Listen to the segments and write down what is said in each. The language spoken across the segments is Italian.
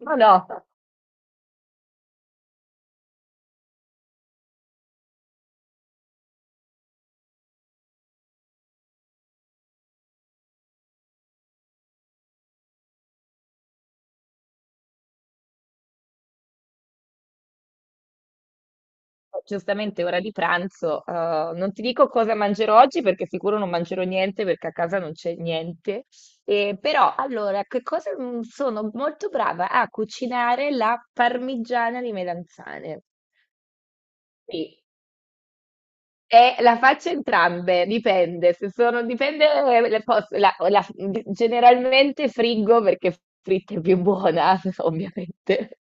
Ma no, giustamente ora di pranzo. Non ti dico cosa mangerò oggi perché sicuro non mangerò niente perché a casa non c'è niente. Però allora, che cosa sono molto brava a cucinare la parmigiana di melanzane. Sì. E la faccio entrambe, dipende, se sono, dipende, le posso- la- la- generalmente friggo perché fritta è più buona, ovviamente.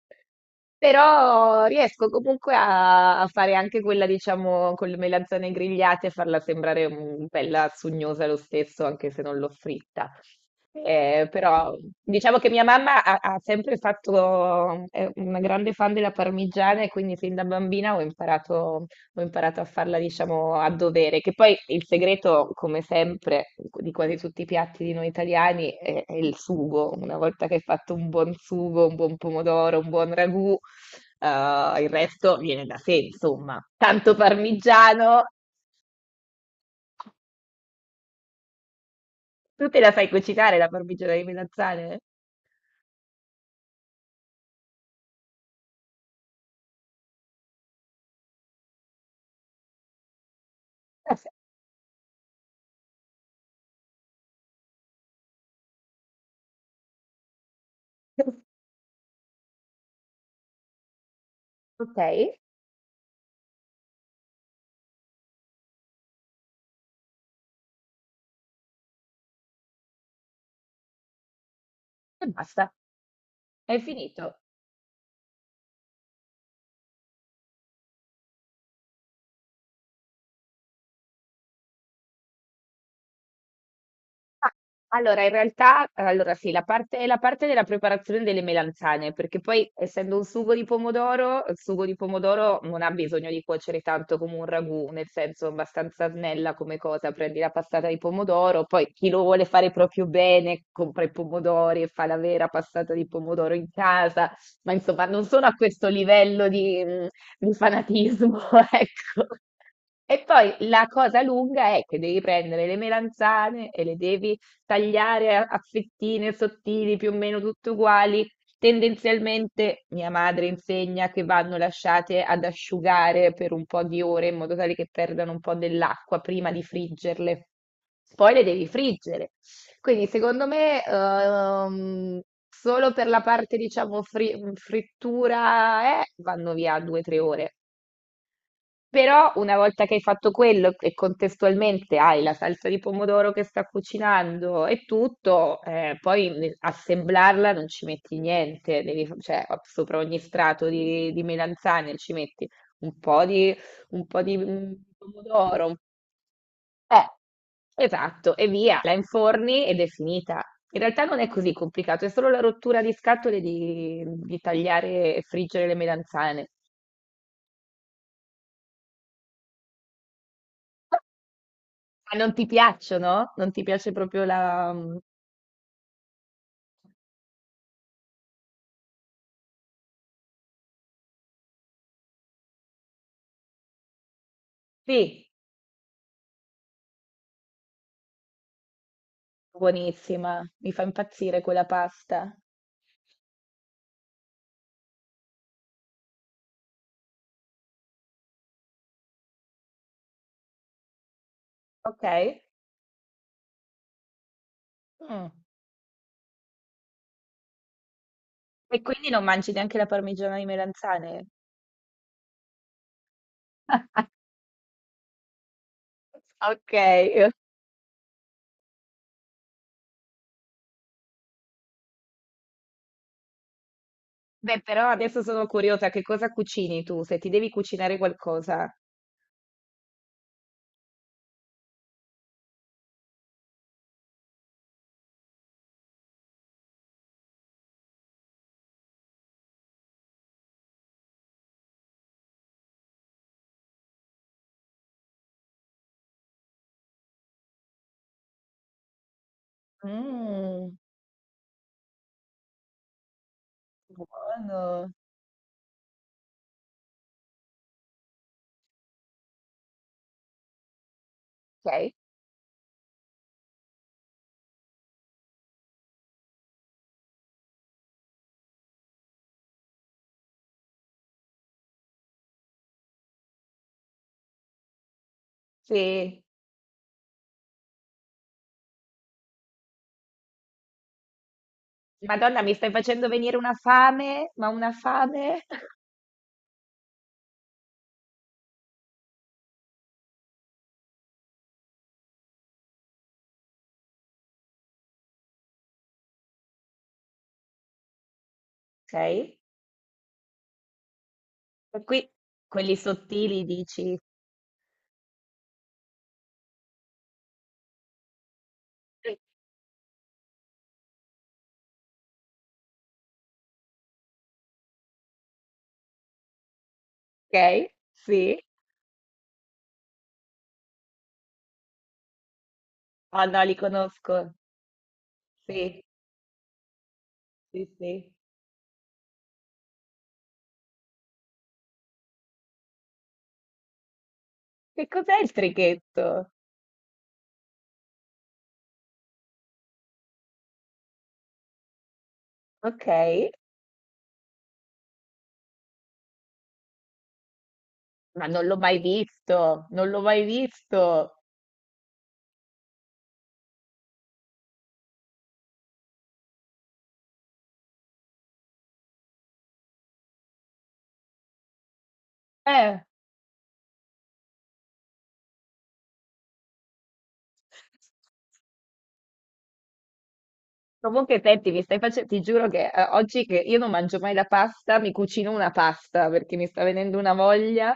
Però riesco comunque a fare anche quella, diciamo, con le melanzane grigliate e farla sembrare bella sugnosa lo stesso, anche se non l'ho fritta. Però diciamo che mia mamma ha sempre fatto, è una grande fan della parmigiana e quindi sin da bambina ho imparato a farla, diciamo, a dovere. Che poi il segreto, come sempre, di quasi tutti i piatti di noi italiani è il sugo. Una volta che hai fatto un buon sugo, un buon pomodoro, un buon ragù. Il resto viene da sé, insomma. Tanto parmigiano. Tu te la fai cucinare la parmigiana di melanzane? Ok, e basta. Hai finito. Ah, Allora, in realtà, allora sì, la parte della preparazione delle melanzane, perché poi essendo un sugo di pomodoro, il sugo di pomodoro non ha bisogno di cuocere tanto come un ragù, nel senso abbastanza snella come cosa, prendi la passata di pomodoro, poi chi lo vuole fare proprio bene compra i pomodori e fa la vera passata di pomodoro in casa, ma insomma non sono a questo livello di fanatismo, ecco. E poi la cosa lunga è che devi prendere le melanzane e le devi tagliare a fettine sottili, più o meno tutte uguali. Tendenzialmente mia madre insegna che vanno lasciate ad asciugare per un po' di ore in modo tale che perdano un po' dell'acqua prima di friggerle. Poi le devi friggere. Quindi secondo me solo per la parte, diciamo, frittura vanno via due o tre ore. Però una volta che hai fatto quello e contestualmente hai la salsa di pomodoro che sta cucinando e tutto, poi assemblarla non ci metti niente, devi, sopra ogni strato di melanzane ci metti un po' di, un po' di pomodoro. Eh, esatto, e via, la inforni ed è finita. In realtà non è così complicato, è solo la rottura di scatole di tagliare e friggere le melanzane. Ma non ti piacciono? Non ti piace proprio la... Sì, buonissima, mi fa impazzire quella pasta. Ok. Mm. E quindi non mangi neanche la parmigiana di melanzane? Ok. Beh, però adesso sono curiosa, che cosa cucini tu? Se ti devi cucinare qualcosa. Mm, buono. Ok. Sì. Madonna, mi stai facendo venire una fame, ma una fame. Ok. E qui quelli sottili dici. Sì. Ok, sì. Ah no, li conosco. Sì, sì, sì. Che cos'è il trichetto? Ok, ma non l'ho mai visto, non l'ho mai visto. Eh. Comunque, senti, mi stai facendo, ti giuro che oggi che io non mangio mai la pasta, mi cucino una pasta perché mi sta venendo una voglia.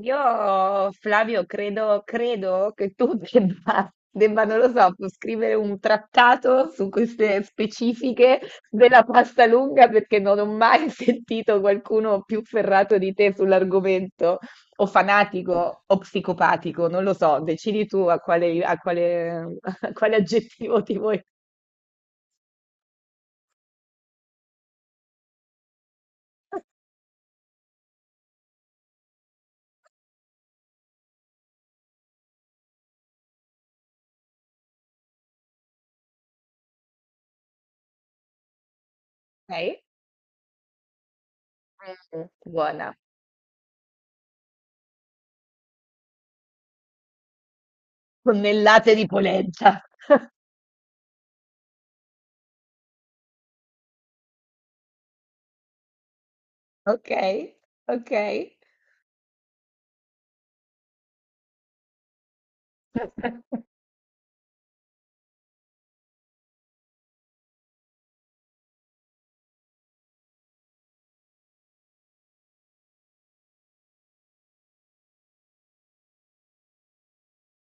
Flavio, credo, credo che tu debba, debba, non lo so, scrivere un trattato su queste specifiche della pasta lunga perché non ho mai sentito qualcuno più ferrato di te sull'argomento, o fanatico o psicopatico, non lo so, decidi tu a quale, a quale aggettivo ti vuoi. Ok? Mm, buona. Tonnellate di polenta. Ok, ok.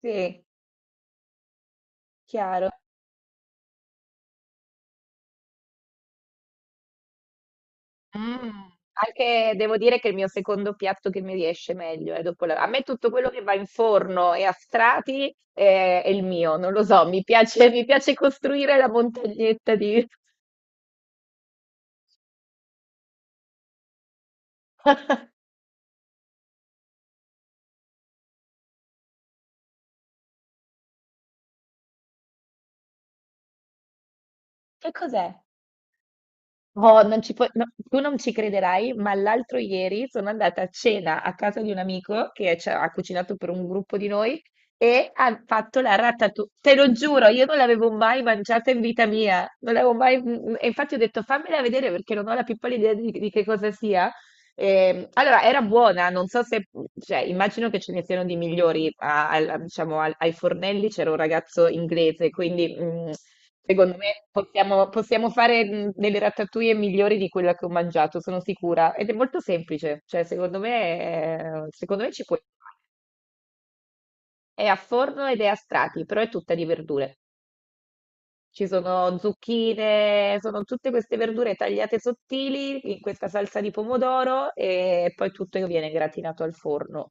Sì, chiaro. Mh. Anche devo dire che il mio secondo piatto che mi riesce meglio, dopo la a me tutto quello che va in forno e a strati, è il mio, non lo so, mi piace costruire la montagnetta di che cos'è? Oh, non ci puoi- no, tu non ci crederai, ma l'altro ieri sono andata a cena a casa di un amico che ci ha cucinato per un gruppo di noi e ha fatto la ratatouille. Te lo giuro, io non l'avevo mai mangiata in vita mia, non l'avevo mai... E infatti ho detto fammela vedere perché non ho la pippola idea di che cosa sia. Allora, era buona, non so se... cioè, immagino che ce ne siano di migliori, diciamo, ai fornelli c'era un ragazzo inglese, quindi... Secondo me possiamo, possiamo fare delle ratatouille migliori di quella che ho mangiato, sono sicura. Ed è molto semplice, cioè secondo me ci puoi fare. È a forno ed è a strati, però è tutta di verdure. Ci sono zucchine, sono tutte queste verdure tagliate sottili in questa salsa di pomodoro e poi tutto viene gratinato al forno.